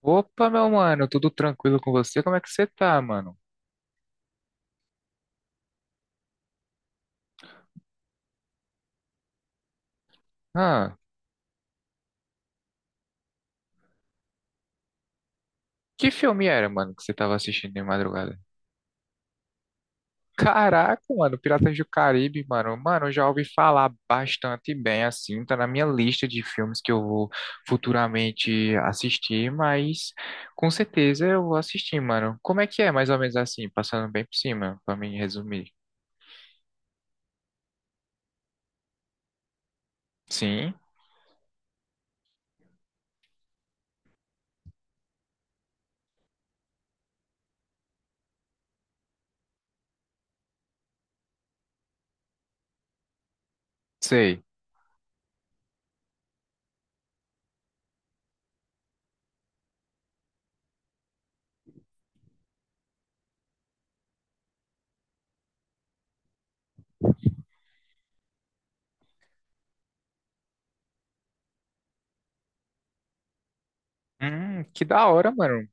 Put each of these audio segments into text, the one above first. Opa, meu mano, tudo tranquilo com você? Como é que você tá, mano? Ah, que filme era, mano, que você tava assistindo de madrugada? Caraca, mano, Piratas do Caribe, mano. Mano, eu já ouvi falar bastante bem, assim, tá na minha lista de filmes que eu vou futuramente assistir, mas com certeza eu vou assistir, mano. Como é que é, mais ou menos assim, passando bem por cima, pra mim resumir? Sim, sei. Que da hora, mano.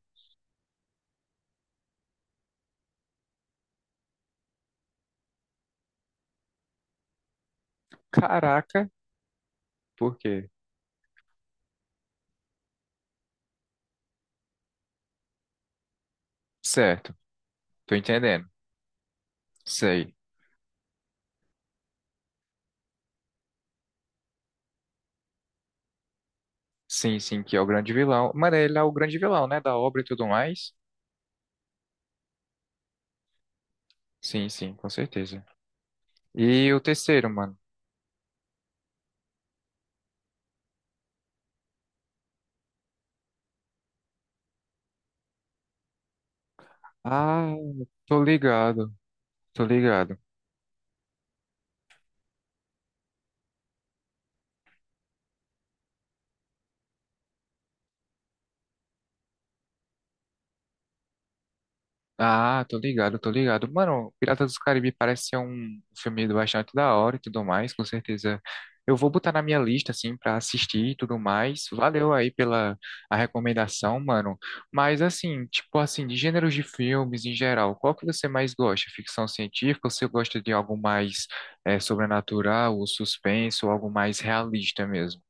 Caraca, por quê? Certo, tô entendendo. Sei. Sim, sim, que é o grande vilão. Mano, ele é o grande vilão, né? Da obra e tudo mais. Sim, sim, com certeza. E o terceiro, mano. Ah, tô ligado, tô ligado. Ah, tô ligado, tô ligado. Mano, Piratas dos Caribe parece ser um filme bastante da hora e tudo mais, com certeza. Eu vou botar na minha lista, assim, pra assistir e tudo mais. Valeu aí pela a recomendação, mano. Mas, assim, tipo assim, de gêneros de filmes em geral, qual que você mais gosta? Ficção científica ou você gosta de algo mais sobrenatural, ou suspense, ou algo mais realista mesmo?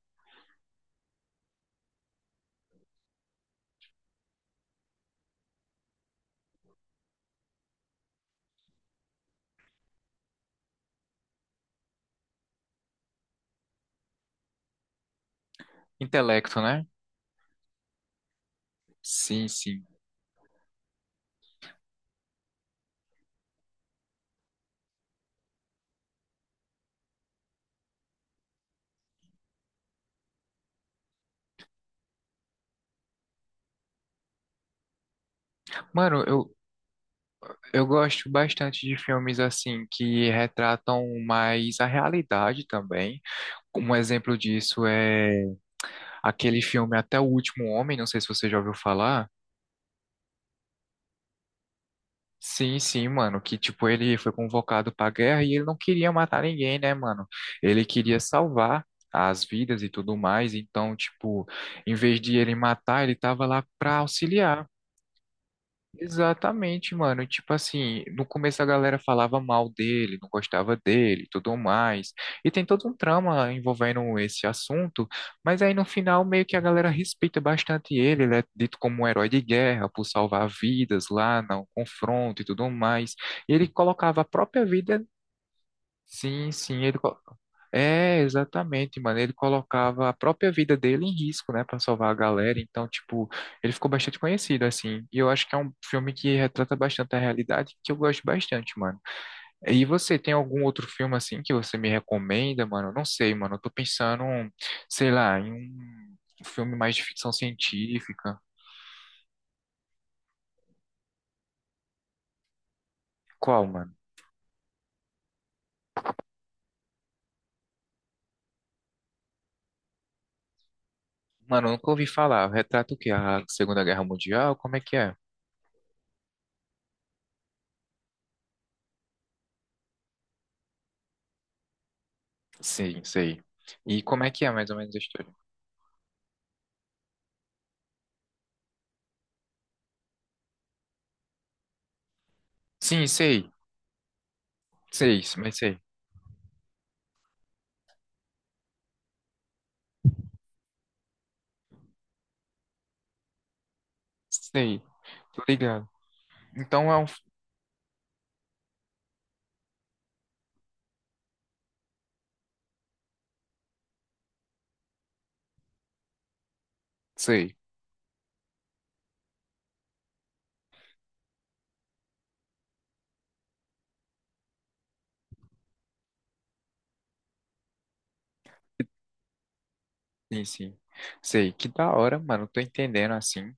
Intelecto, né? Sim, sim. Mano, eu gosto bastante de filmes assim que retratam mais a realidade também. Um exemplo disso é aquele filme Até o Último Homem, não sei se você já ouviu falar. Sim, sim, mano, que tipo ele foi convocado pra guerra e ele não queria matar ninguém, né, mano? Ele queria salvar as vidas e tudo mais, então, tipo, em vez de ele matar, ele tava lá pra auxiliar. Exatamente, mano. Tipo assim, no começo a galera falava mal dele, não gostava dele, e tudo mais. E tem todo um trama envolvendo esse assunto, mas aí no final meio que a galera respeita bastante ele, ele é dito como um herói de guerra por salvar vidas lá no confronto e tudo mais. E ele colocava a própria vida. Sim, sim, ele co- É, exatamente, mano. Ele colocava a própria vida dele em risco, né, pra salvar a galera. Então, tipo, ele ficou bastante conhecido assim. E eu acho que é um filme que retrata bastante a realidade, que eu gosto bastante, mano. E você tem algum outro filme assim que você me recomenda, mano? Eu não sei, mano. Eu tô pensando, sei lá, em um filme mais de ficção científica. Qual, mano? Mano, eu nunca ouvi falar. Retrata o quê? A Segunda Guerra Mundial? Como é que é? Sim, sei. E como é que é mais ou menos a história? Sim, sei. Sei, mas sei. Sei. Tô ligado. Então é um. Sei. Sim, sim. Sei. Que da hora, mano. Tô entendendo, assim.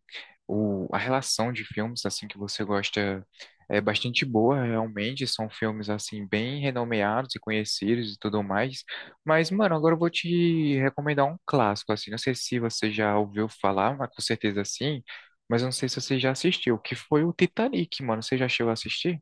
A relação de filmes, assim, que você gosta é bastante boa, realmente. São filmes, assim, bem renomeados e conhecidos e tudo mais. Mas, mano, agora eu vou te recomendar um clássico, assim. Não sei se você já ouviu falar, mas com certeza sim. Mas eu não sei se você já assistiu, que foi o Titanic, mano. Você já chegou a assistir?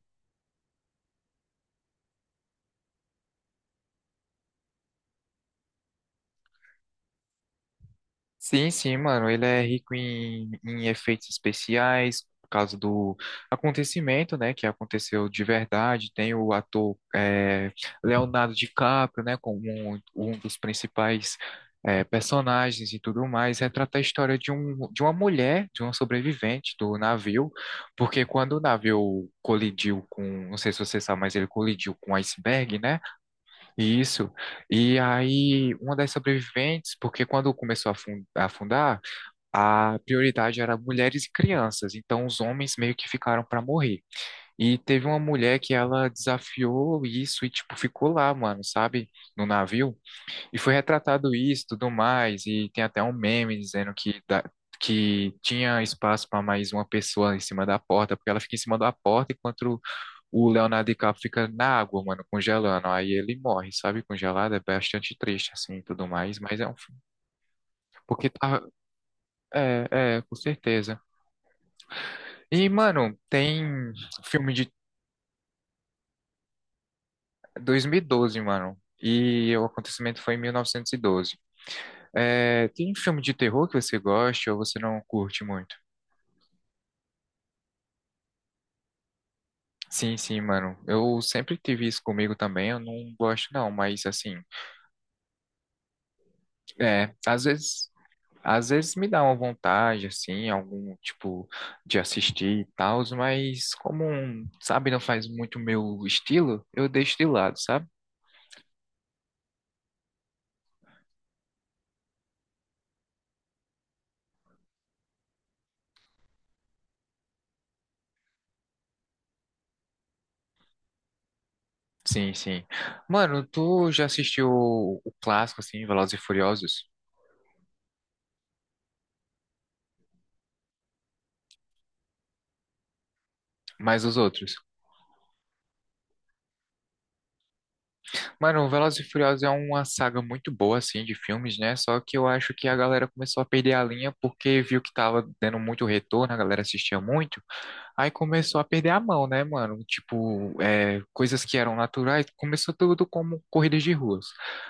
Sim, sim, mano. Ele é rico em efeitos especiais, por causa do acontecimento, né? Que aconteceu de verdade. Tem o ator Leonardo DiCaprio, né? Como um dos principais personagens e tudo mais. Retrata a história de uma mulher, de uma sobrevivente do navio. Porque quando o navio colidiu com... Não sei se você sabe, mas ele colidiu com um iceberg, né? Isso. E aí, uma das sobreviventes, porque quando começou a afundar, a prioridade era mulheres e crianças, então os homens meio que ficaram para morrer. E teve uma mulher que ela desafiou isso e, tipo, ficou lá, mano, sabe, no navio. E foi retratado isso, tudo mais, e tem até um meme dizendo. Que tinha espaço para mais uma pessoa em cima da porta, porque ela fica em cima da porta enquanto o Leonardo DiCaprio fica na água, mano, congelando. Aí ele morre, sabe? Congelado é bastante triste, assim, e tudo mais. Mas é um filme. Porque tá. É, é, com certeza. E, mano, tem filme de 2012, mano. E o acontecimento foi em 1912. É, tem filme de terror que você gosta ou você não curte muito? Sim, sim, mano. Eu sempre tive isso comigo também. Eu não gosto, não, mas assim, é, às vezes. Às vezes me dá uma vontade, assim, algum tipo de assistir e tal, mas como, sabe, não faz muito meu estilo, eu deixo de lado, sabe? Sim, sim. Mano, tu já assistiu o clássico, assim, Velozes e Furiosos? Mas os outros? Mano, Velozes e Furiosos é uma saga muito boa, assim, de filmes, né? Só que eu acho que a galera começou a perder a linha porque viu que tava dando muito retorno, a galera assistia muito. Aí começou a perder a mão, né, mano? Tipo, é, coisas que eram naturais, começou tudo como corridas de ruas.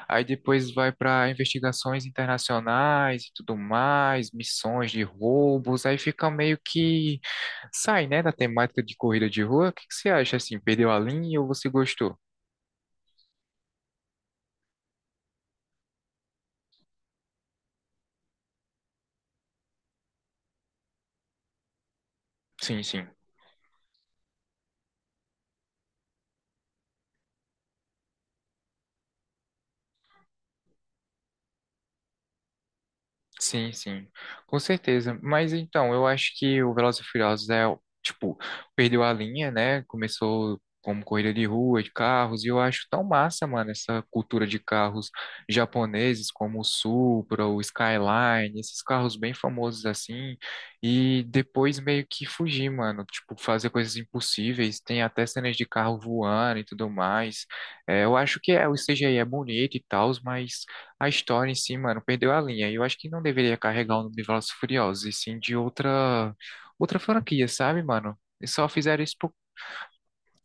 Aí depois vai para investigações internacionais e tudo mais, missões de roubos, aí fica meio que sai, né, da temática de corrida de rua. O que que você acha assim? Perdeu a linha ou você gostou? Sim, sim. Sim, sim, com certeza. Mas então, eu acho que o Velozes e Furiosos é, tipo, perdeu a linha, né? Começou como corrida de rua, de carros, e eu acho tão massa, mano, essa cultura de carros japoneses como o Supra, o Skyline, esses carros bem famosos assim, e depois meio que fugir, mano, tipo, fazer coisas impossíveis, tem até cenas de carro voando e tudo mais. É, eu acho que é, o CGI é bonito e tal, mas. A história em si, mano, perdeu a linha. E eu acho que não deveria carregar o nome de Velozes e Furiosos, e sim de outra franquia, sabe, mano? E só fizeram isso por...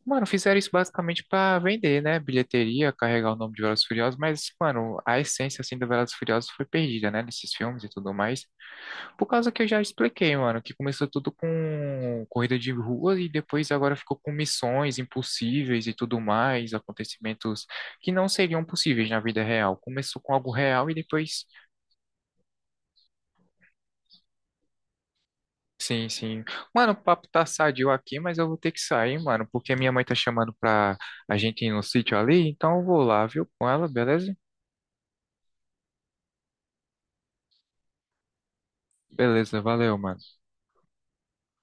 Mano, fizeram isso basicamente pra vender, né? Bilheteria, carregar o nome de Velozes e Furiosos, mas, mano, a essência, assim, do Velozes e Furiosos foi perdida, né? Nesses filmes e tudo mais. Por causa que eu já expliquei, mano, que começou tudo com corrida de rua e depois agora ficou com missões impossíveis e tudo mais, acontecimentos que não seriam possíveis na vida real. Começou com algo real e depois. Sim, sim. Mano, o papo tá sadio aqui, mas eu vou ter que sair, mano, porque minha mãe tá chamando pra a gente ir no sítio ali, então eu vou lá, viu, com ela, beleza? Beleza, valeu, mano.